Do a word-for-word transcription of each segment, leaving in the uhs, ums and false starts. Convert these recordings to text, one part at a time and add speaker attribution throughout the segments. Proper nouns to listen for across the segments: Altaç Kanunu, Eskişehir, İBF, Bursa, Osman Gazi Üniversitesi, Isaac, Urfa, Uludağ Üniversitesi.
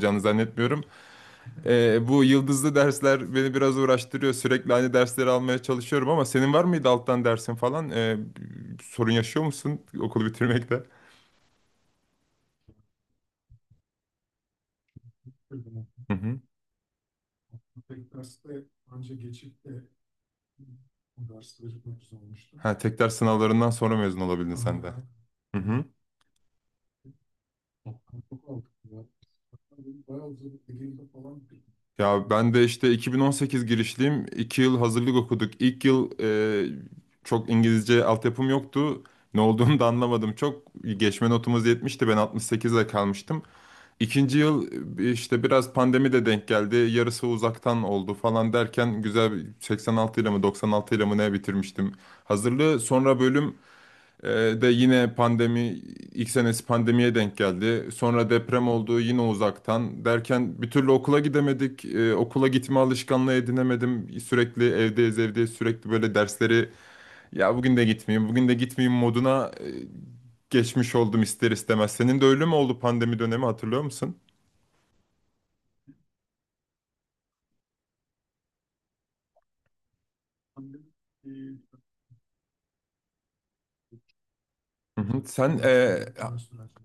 Speaker 1: Zannetmiyorum. Ee, bu yıldızlı dersler beni biraz uğraştırıyor. Sürekli aynı dersleri almaya çalışıyorum ama senin var mıydı alttan dersin falan? Ee, sorun yaşıyor musun okulu bitirmekte? Hı hı. Ha, tek ders sınavlarından sonra mezun olabildin sen de. Hı hı. Ya ben de işte iki bin on sekiz girişliyim. İki yıl hazırlık okuduk. İlk yıl e, çok İngilizce altyapım yoktu. Ne olduğunu da anlamadım. Çok geçme notumuz yetmişti. Ben altmış sekizde kalmıştım. İkinci yıl e, işte biraz pandemi de denk geldi. Yarısı uzaktan oldu falan derken güzel bir seksen altı ile mi doksan altı ile mi ne bitirmiştim hazırlığı. Sonra bölüm e, de yine pandemi ilk senesi pandemiye denk geldi. Sonra deprem oldu yine uzaktan derken bir türlü okula gidemedik. E, okula gitme alışkanlığı edinemedim. Sürekli evdeyiz evdeyiz sürekli böyle dersleri ya bugün de gitmeyeyim bugün de gitmeyeyim moduna e, geçmiş oldum ister istemez. Senin de öyle mi oldu pandemi dönemi hatırlıyor musun? Hı hı. Sen, e,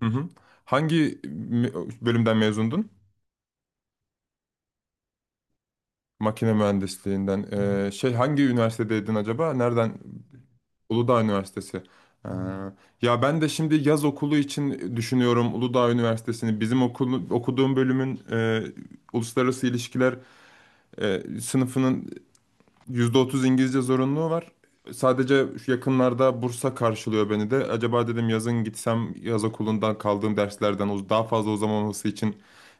Speaker 1: hı hı, hangi me- bölümden mezundun? Makine mühendisliğinden. E, şey, hangi üniversitedeydin acaba? Nereden? Uludağ Üniversitesi. Ee, Aynen. Ya ben de şimdi yaz okulu için düşünüyorum Uludağ Üniversitesi'ni. Bizim okulu, okuduğum bölümün e, uluslararası ilişkiler e, sınıfının yüzde otuz İngilizce zorunluluğu var. Sadece şu yakınlarda Bursa karşılıyor beni de. Acaba dedim yazın gitsem yaz okulundan kaldığım derslerden uz- daha fazla uzamaması için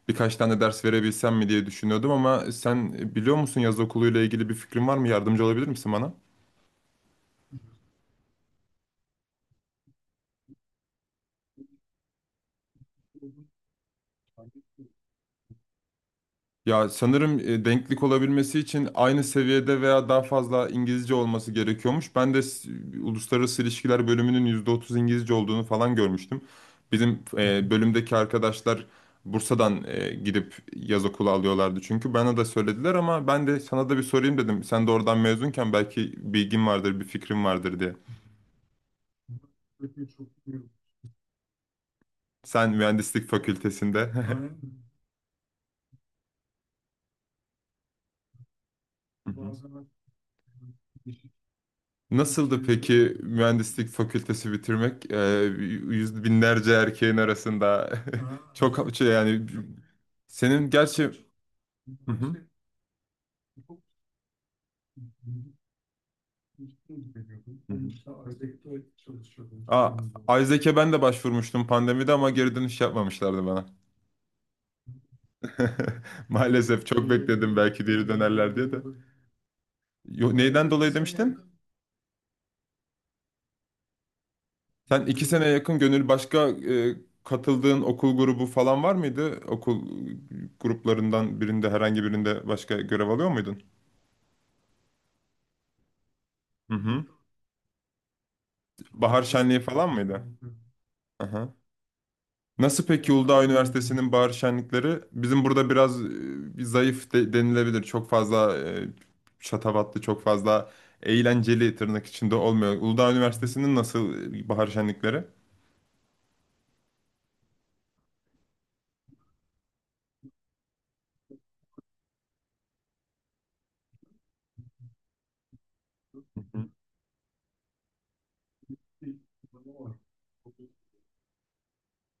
Speaker 1: birkaç tane ders verebilsem mi diye düşünüyordum ama sen biliyor musun yaz okuluyla ilgili bir fikrin var mı? Yardımcı olabilir misin bana? Ya sanırım e, denklik olabilmesi için aynı seviyede veya daha fazla İngilizce olması gerekiyormuş. Ben de s- uluslararası ilişkiler bölümünün yüzde otuz İngilizce olduğunu falan görmüştüm. Bizim e, bölümdeki arkadaşlar Bursa'dan e, gidip yaz okulu alıyorlardı çünkü bana da söylediler ama ben de sana da bir sorayım dedim. Sen de oradan mezunken belki bilgin vardır, bir fikrin vardır diye. Sen mühendislik fakültesinde. Hı hı. Nasıldı peki mühendislik fakültesi bitirmek? Ee, yüz binlerce erkeğin arasında çok şey yani senin gerçi. Hı hı. Hı hı. Aa, Isaac'e ben de başvurmuştum pandemide ama geri dönüş yapmamışlardı bana. Maalesef çok bekledim belki geri dönerler diye de. Yo, neyden dolayı demiştin? Sen iki sene yakın Gönül, başka e, katıldığın okul grubu falan var mıydı? Okul gruplarından birinde herhangi birinde başka görev alıyor muydun? Hı hı. Bahar şenliği falan mıydı? Aha. Nasıl peki Uludağ Üniversitesi'nin bahar şenlikleri? Bizim burada biraz e, bir zayıf de- denilebilir. Çok fazla e, şatafatlı, çok fazla eğlenceli tırnak içinde olmuyor. Uludağ Üniversitesi'nin nasıl e, bahar şenlikleri? Hı hı.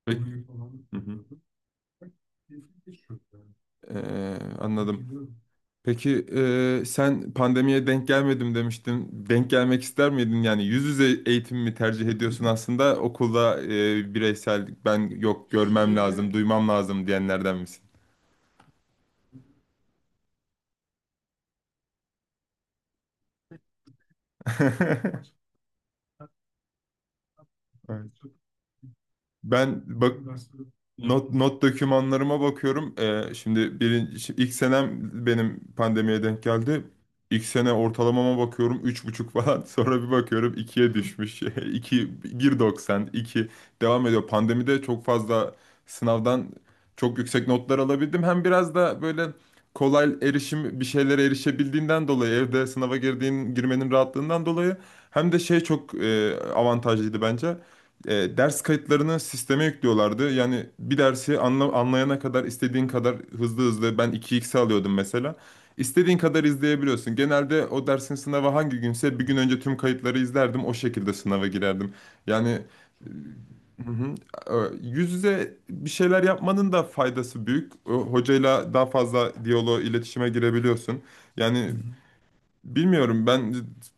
Speaker 1: Peki. Hı hı. Ee, anladım. Peki e, sen pandemiye denk gelmedim demiştin. Denk gelmek ister miydin? Yani yüz yüze eğitim mi tercih ediyorsun aslında okulda e, bireysel ben yok görmem lazım, duymam lazım diyenlerden misin? Ben bak, not not dokümanlarıma bakıyorum. Ee, şimdi birinci şi- ilk senem benim pandemiye denk geldi. İlk sene ortalamama bakıyorum üç buçuk falan. Sonra bir bakıyorum ikiye düşmüş. iki bir doksan iki devam ediyor. Pandemide çok fazla sınavdan çok yüksek notlar alabildim. Hem biraz da böyle kolay erişim bir şeylere erişebildiğinden dolayı evde sınava girdiğin girmenin rahatlığından dolayı hem de şey çok e, avantajlıydı bence. E, ders kayıtlarını sisteme yüklüyorlardı. Yani bir dersi anla, anlayana kadar istediğin kadar hızlı hızlı ben iki x alıyordum mesela. İstediğin kadar izleyebiliyorsun. Genelde o dersin sınavı hangi günse bir gün önce tüm kayıtları izlerdim. O şekilde sınava girerdim. Yani. Hı hı. Ee, Yüz yüze bir şeyler yapmanın da faydası büyük. O hocayla daha fazla diyaloğa, iletişime girebiliyorsun. Yani bilmiyorum ben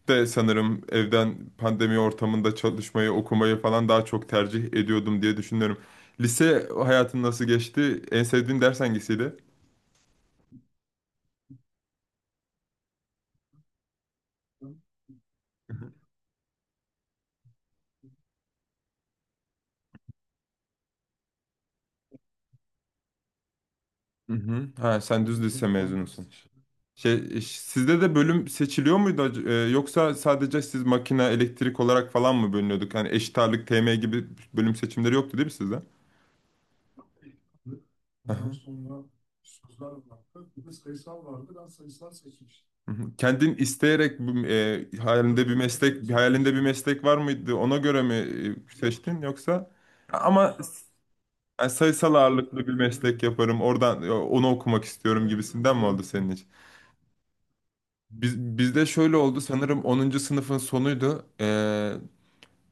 Speaker 1: de sanırım evden pandemi ortamında çalışmayı, okumayı falan daha çok tercih ediyordum diye düşünüyorum. Lise hayatın nasıl geçti? En sevdiğin ders hangisiydi? Hı hı. Ha, sen düz lise mezunusun. Şey, sizde de bölüm seçiliyor muydu ac- e, yoksa sadece siz makine, elektrik olarak falan mı bölünüyorduk? Yani eşit ağırlık, T M gibi bölüm seçimleri yoktu değil mi sizde? Hı hı. Hı hı. Kendin isteyerek bu- e, hayalinde bir meslek, hayalinde bir meslek var mıydı? Ona göre mi e, seçtin yoksa? Ama yani sayısal ağırlıklı bir meslek yaparım. Oradan e, onu okumak istiyorum gibisinden mi oldu senin için? Biz, bizde şöyle oldu sanırım onuncu sınıfın sonuydu. E,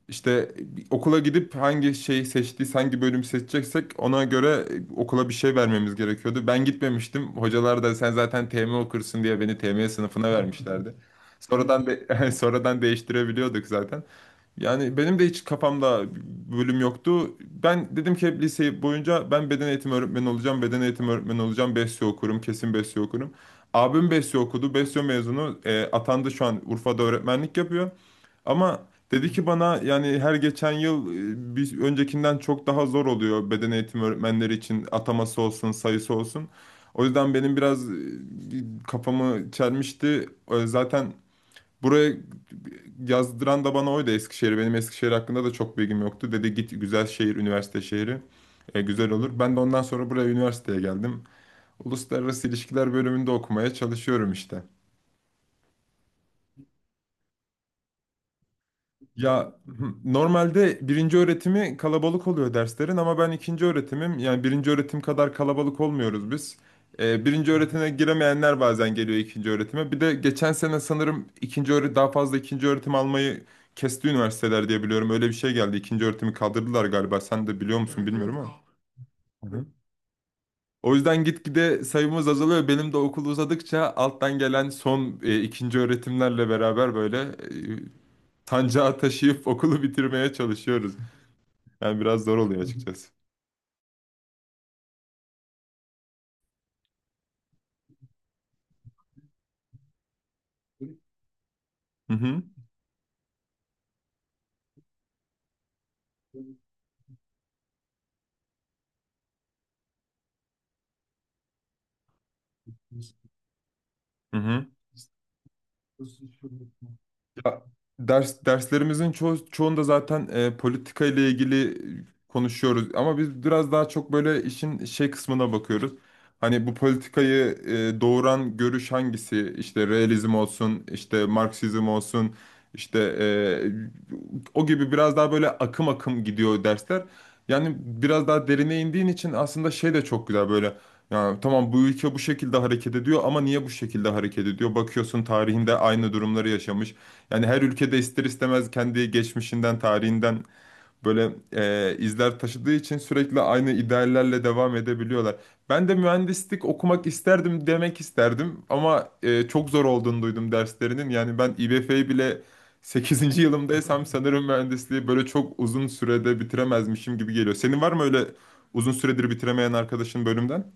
Speaker 1: işte okula gidip hangi şeyi seçtiysek, hangi bölüm seçeceksek ona göre e, okula bir şey vermemiz gerekiyordu. Ben gitmemiştim. Hocalar da sen zaten T M okursun diye beni T M sınıfına vermişlerdi. Sonradan de, sonradan değiştirebiliyorduk zaten. Yani benim de hiç kafamda bölüm yoktu. Ben dedim ki hep lise boyunca ben beden eğitimi öğretmeni olacağım, beden eğitimi öğretmeni olacağım, besyo okurum, kesin besyo okurum. Abim besyo okudu, besyo mezunu, e, atandı şu an Urfa'da öğretmenlik yapıyor. Ama dedi ki bana yani her geçen yıl e, bir öncekinden çok daha zor oluyor beden eğitimi öğretmenleri için ataması olsun, sayısı olsun. O yüzden benim biraz e, kafamı çelmişti. E, Zaten buraya yazdıran da bana oydu, Eskişehir. Benim Eskişehir hakkında da çok bilgim yoktu. Dedi git güzel şehir, üniversite şehri. E, güzel olur. Ben de ondan sonra buraya üniversiteye geldim. Uluslararası İlişkiler bölümünde okumaya çalışıyorum işte. Ya hı, normalde birinci öğretimi kalabalık oluyor derslerin ama ben ikinci öğretimim. Yani birinci öğretim kadar kalabalık olmuyoruz biz. Ee, birinci öğretime giremeyenler bazen geliyor ikinci öğretime. Bir de geçen sene sanırım ikinci öğret daha fazla ikinci öğretim almayı kesti üniversiteler diye biliyorum. Öyle bir şey geldi. İkinci öğretimi kaldırdılar galiba. Sen de biliyor musun? Evet, bilmiyorum, evet. Ama. Hı hı. O yüzden gitgide sayımız azalıyor. Benim de okul uzadıkça alttan gelen son e, ikinci öğretimlerle beraber böyle e, sancağı taşıyıp okulu bitirmeye çalışıyoruz. Yani biraz zor oluyor açıkçası. Hı hı. Hı hı. Ya, ders derslerimizin ço çoğunda zaten e, politika ile ilgili konuşuyoruz ama biz biraz daha çok böyle işin şey kısmına bakıyoruz. Hani bu politikayı e, doğuran görüş hangisi? İşte realizm olsun, işte Marksizm olsun, işte e, o gibi biraz daha böyle akım akım gidiyor dersler. Yani biraz daha derine indiğin için aslında şey de çok güzel böyle. Ya tamam bu ülke bu şekilde hareket ediyor ama niye bu şekilde hareket ediyor? Bakıyorsun tarihinde aynı durumları yaşamış. Yani her ülkede ister istemez kendi geçmişinden, tarihinden böyle e, izler taşıdığı için sürekli aynı ideallerle devam edebiliyorlar. Ben de mühendislik okumak isterdim demek isterdim ama e, çok zor olduğunu duydum derslerinin. Yani ben İ B F'yi bile sekizinci yılımdaysam sanırım mühendisliği böyle çok uzun sürede bitiremezmişim gibi geliyor. Senin var mı öyle uzun süredir bitiremeyen arkadaşın bölümden?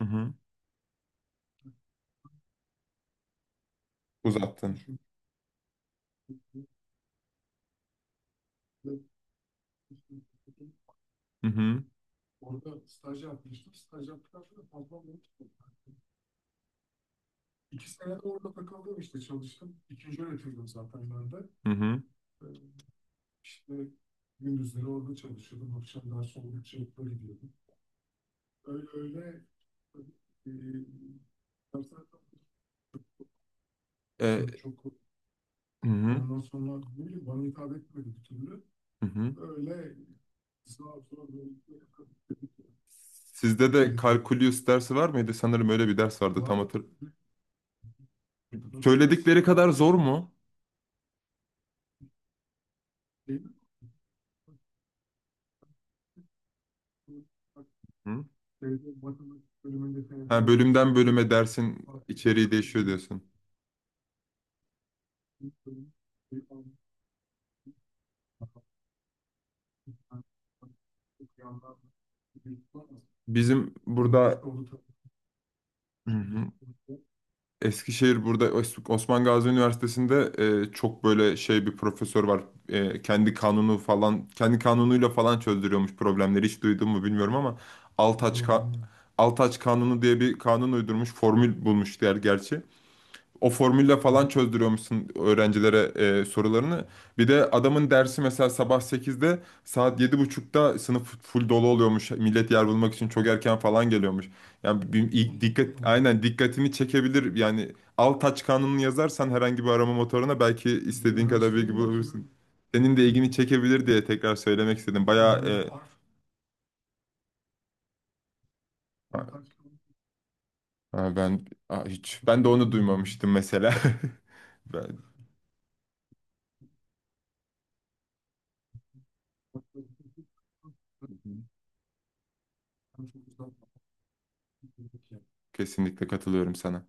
Speaker 1: Hı hı. Uzattın. Hı hı. Hı hı. E, Hı hı. Hı hı. Sizde de kalkulüs dersi var mıydı? Sanırım öyle bir ders vardı tam hatır. Söyledikleri kadar zor mu? Hı? Ha, bölümden bölüme dersin içeriği değişiyor diyorsun. Bizim burada başka tabii. Hı hı. Eskişehir burada Os- Osman Gazi Üniversitesi'nde e, çok böyle şey bir profesör var. E, kendi kanunu falan kendi kanunuyla falan çözdürüyormuş problemleri. Hiç duydun mu bilmiyorum ama Altaç ka Altaç Kanunu diye bir kanun uydurmuş. Formül bulmuş diğer gerçi. O formülle falan çözdürüyormuşsun öğrencilere e, sorularını. Bir de adamın dersi mesela sabah sekizde saat yedi buçukta sınıf full dolu oluyormuş. Millet yer bulmak için çok erken falan geliyormuş. Yani bir- ilk dikkat aynen dikkatini çekebilir. Yani al taç kanununu yazarsan herhangi bir arama motoruna belki istediğin kadar bilgi bulabilirsin. Senin de ilgini çekebilir diye tekrar söylemek istedim. Bayağı, e, ha- ha, ben, ha, hiç ben de onu duymamıştım mesela. Ben kesinlikle katılıyorum sana.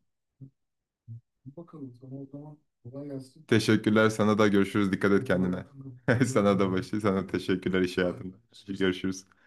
Speaker 1: Teşekkürler sana da, görüşürüz. Dikkat et kendine. Sana da başı, sana teşekkürler, iş hayatında. Görüşürüz.